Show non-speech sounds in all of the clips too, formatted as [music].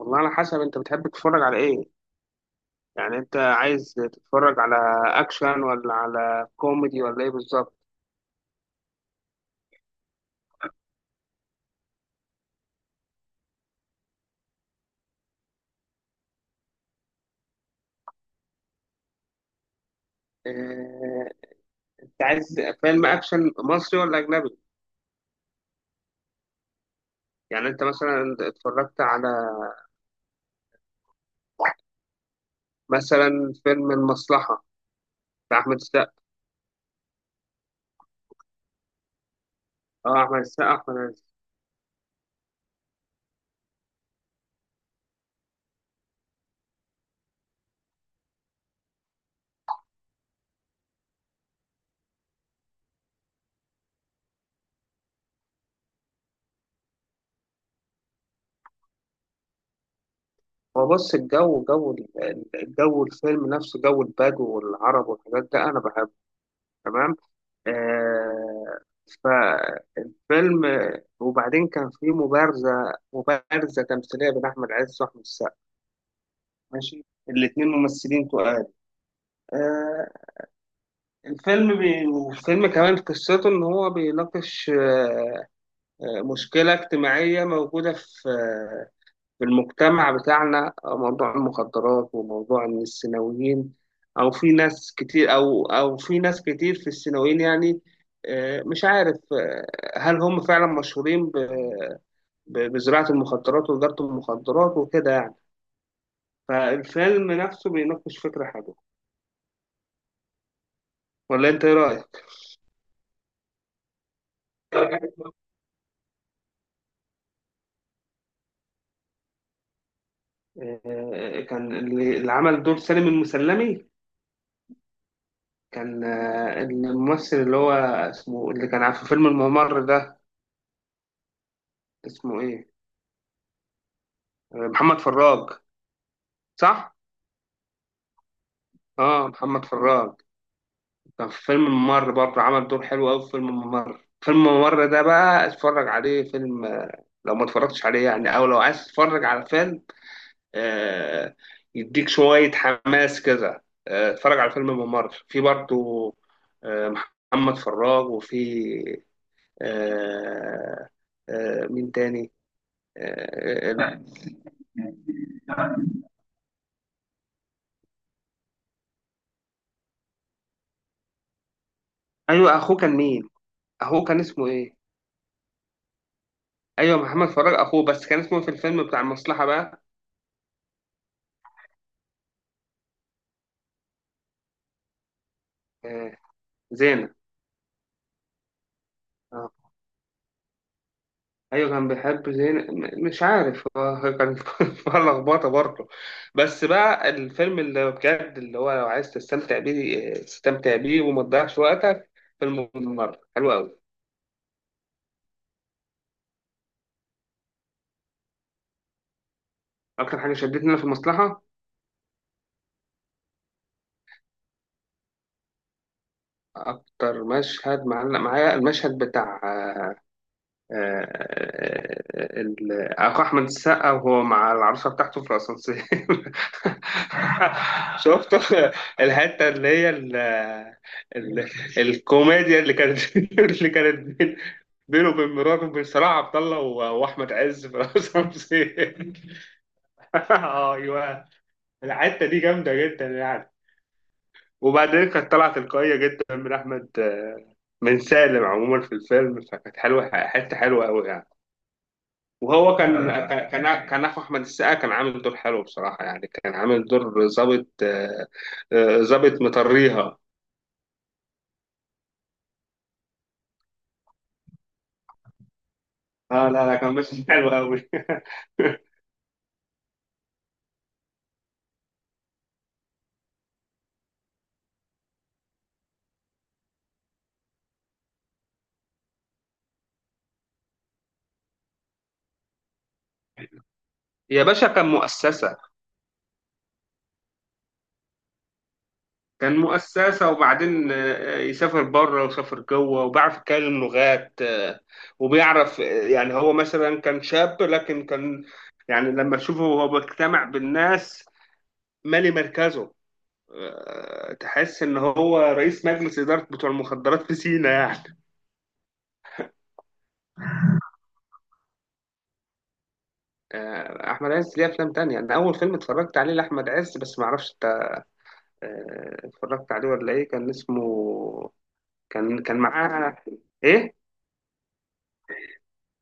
والله على حسب انت بتحب تتفرج على ايه. انت عايز تتفرج على اكشن ولا على كوميدي ولا ايه بالظبط؟ اه... انت عايز فيلم اكشن مصري ولا اجنبي؟ يعني انت مثلا اتفرجت على مثلا فيلم المصلحة بتاع احمد السقا. احمد السقا. هو بص، الجو الفيلم نفسه، جو البدو والعرب والحاجات ده انا بحبه، تمام. آه فيلم، وبعدين كان في مبارزة تمثيلية بين أحمد عز وأحمد السقا، ماشي. الاتنين ممثلين تقال. آه الفيلم بي... الفيلم كمان قصته إن هو بيناقش مشكلة اجتماعية موجودة في في المجتمع بتاعنا، موضوع المخدرات، وموضوع إن الثانويين أو في ناس كتير في الثانويين، يعني مش عارف آه، هل هم فعلا مشهورين بزراعة المخدرات وتجارة المخدرات وكده يعني. فالفيلم نفسه بيناقش فكرة حلوة، ولا أنت إيه رأيك؟ كان اللي عمل دور سالم المسلمي كان الممثل اللي هو اسمه، اللي كان في فيلم الممر ده، اسمه إيه؟ محمد فراج، صح؟ محمد فراج كان في فيلم الممر برضه، عمل دور حلو أوي في فيلم الممر. فيلم الممر ده بقى اتفرج عليه، فيلم لو ما اتفرجتش عليه يعني، أو لو عايز تتفرج على فيلم آه، يديك شوية حماس كده، اتفرج على الفيلم بممر في برضه. آه، محمد فراج، وفي آه، مين تاني. آه، ال- ايوه، اخوه كان مين؟ اخوه كان اسمه ايه؟ ايوه، محمد فراج اخوه، بس كان اسمه في الفيلم بتاع المصلحة بقى آه، زينة. آه. ايوه كان بيحب زين. مش عارف هو كان [laughs] فيها لخبطه برضه. بس بقى الفيلم اللي بجد، اللي هو لو عايز تستمتع بيه تستمتع بيه وما تضيعش وقتك، فيلم الممر حلو قوي. اكتر حاجه شدتني انا في المصلحه، اكتر مشهد معلق معايا، المشهد بتاع اخو احمد السقا وهو مع العروسه بتاعته في الاسانسير. [laughs] شفت الحته اللي هي ال ال الكوميديا اللي كانت [laughs] اللي كانت بينه وبين مراته وبين صلاح عبد الله واحمد عز في الاسانسير. [laughs] ايوه، الحته دي جامده جدا يعني. وبعدين كانت طالعه تلقائيه جدا من احمد آه، من سالم عموما في الفيلم، فكانت حلوه، حته حلوه قوي يعني. وهو كان كان كان اخو احمد السقا كان عامل دور حلو بصراحه، يعني كان عامل دور ظابط آه، آه، ظابط مطريها. اه لا لا، كان ماشي حلو قوي. [laughs] يا باشا، كان مؤسسه. كان مؤسسه، وبعدين يسافر بره وسافر جوه، وبيعرف يتكلم لغات، آه، وبيعرف آه، يعني هو مثلا كان شاب لكن كان، يعني لما تشوفه وهو بيجتمع بالناس، مالي مركزه، تحس ان هو رئيس مجلس اداره بتوع المخدرات في سينا يعني. احمد عز ليه افلام تانية. انا اول فيلم اتفرجت عليه لاحمد عز، بس ما اعرفش انت اتفرجت عليه ولا ايه، كان اسمه كان كان معاه ايه؟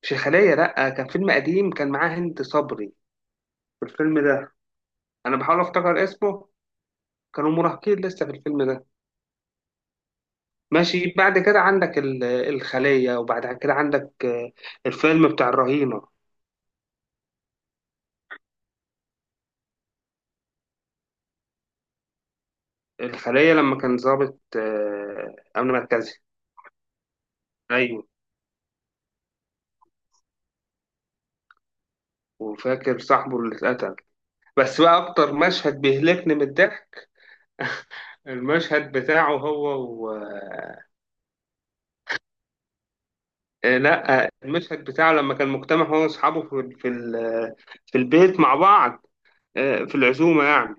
شيخاليه، لا كان فيلم قديم كان معاه هند صبري في الفيلم ده، انا بحاول افتكر اسمه. كانوا مراهقين لسه في الفيلم ده. ماشي، بعد كده عندك الخليه، وبعد كده عندك الفيلم بتاع الرهينه. الخلية لما كان ضابط أمن مركزي. أيوه. وفاكر صاحبه اللي اتقتل. بس بقى أكتر مشهد بيهلكني من الضحك، المشهد بتاعه هو و... آه، لا آه، المشهد بتاعه لما كان مجتمع هو وأصحابه في في البيت مع بعض، في العزومة يعني.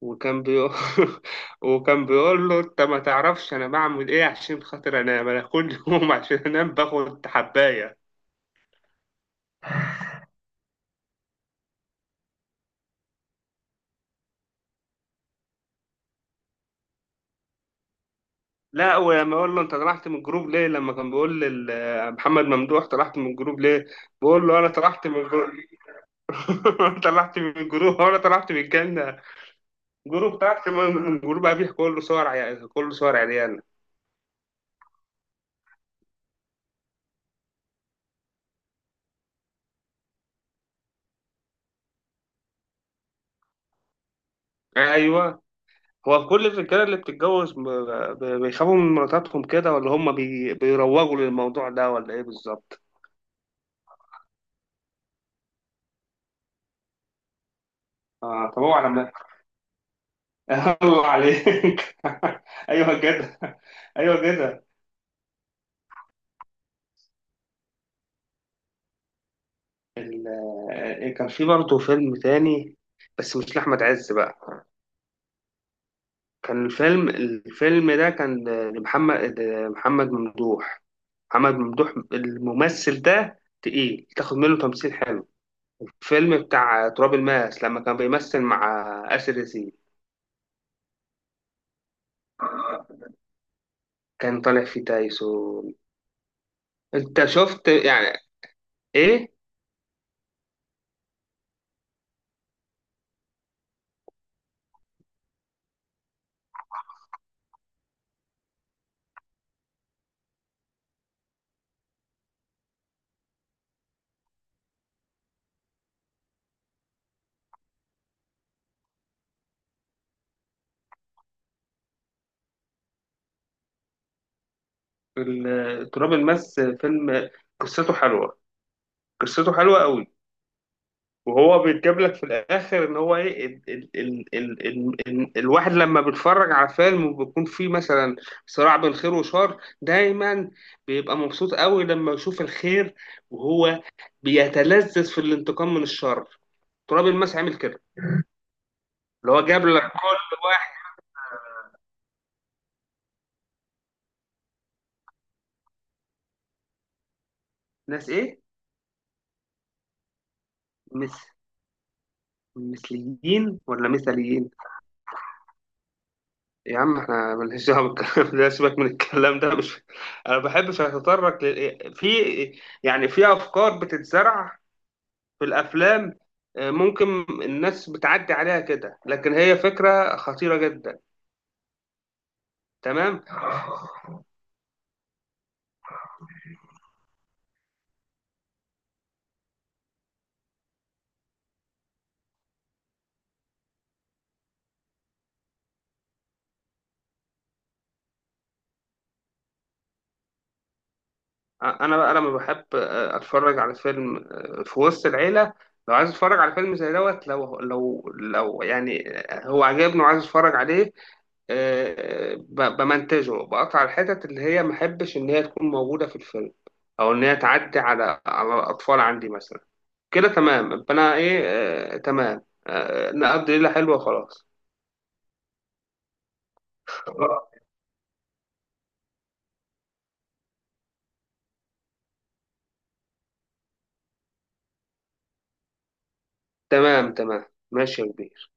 وكان بيقول [laughs] وكان بيقول له: أنت ما تعرفش أنا بعمل إيه عشان خاطر أنام؟ أنا كل يوم عشان أنام باخد حباية. لا، ولما اقول له انت طلعت من الجروب ليه، لما كان بيقول لي محمد ممدوح طلعت من الجروب ليه، بقول له انا طلعت من الجروب. [laughs] انا طلعت من الجروب، انا طلعت من الجنه. جروب طلعت من جروب ابيح كله صور عيال كله صور عريان. ايوه، هو كل الرجاله اللي بتتجوز بيخافوا من مراتاتهم كده، ولا هم بيروجوا للموضوع ده، ولا ايه بالظبط؟ اه، طب هو على [laughs] مالك، الله عليك. [laughs] ايوه كده، ايوه كده. ال- كان في برضه فيلم تاني، بس مش لأحمد عز بقى، كان الفيلم ده كان محمد ممدوح. محمد ممدوح الممثل ده تقيل، تاخد منه تمثيل حلو. الفيلم بتاع تراب الماس لما كان بيمثل مع آسر ياسين، كان طالع فيه تايسون. انت شفت يعني. ايه تراب الماس، فيلم قصته حلوة، قصته حلوة قوي. وهو بيتجاب لك في الاخر ان هو ايه، ال ال ال ال ال ال الواحد لما بيتفرج على فيلم وبيكون فيه مثلا صراع بين خير وشر دايما، بيبقى مبسوط قوي لما يشوف الخير، وهو بيتلذذ في الانتقام من الشر. تراب الماس عامل كده، اللي هو جاب لك كل واحد. ناس ايه؟ مس، مثليين ولا مثليين؟ يا عم احنا مالناش دعوه بالكلام ده، سيبك من الكلام ده. مش انا بحبش اتطرق في، يعني في افكار بتتزرع في الافلام، ممكن الناس بتعدي عليها كده، لكن هي فكره خطيره جدا. تمام. انا بقى لما بحب اتفرج على فيلم في وسط العيله، لو عايز اتفرج على فيلم زي دوت، لو يعني هو عجبني وعايز اتفرج عليه، بمنتجه، بقطع الحتت اللي هي ما احبش ان هي تكون موجوده في الفيلم، او ان هي تعدي على على الاطفال عندي مثلا، كده تمام، يبقى انا ايه تمام. نقضي ليله حلوه، خلاص. آه، تمام تمام، ماشي يا كبير.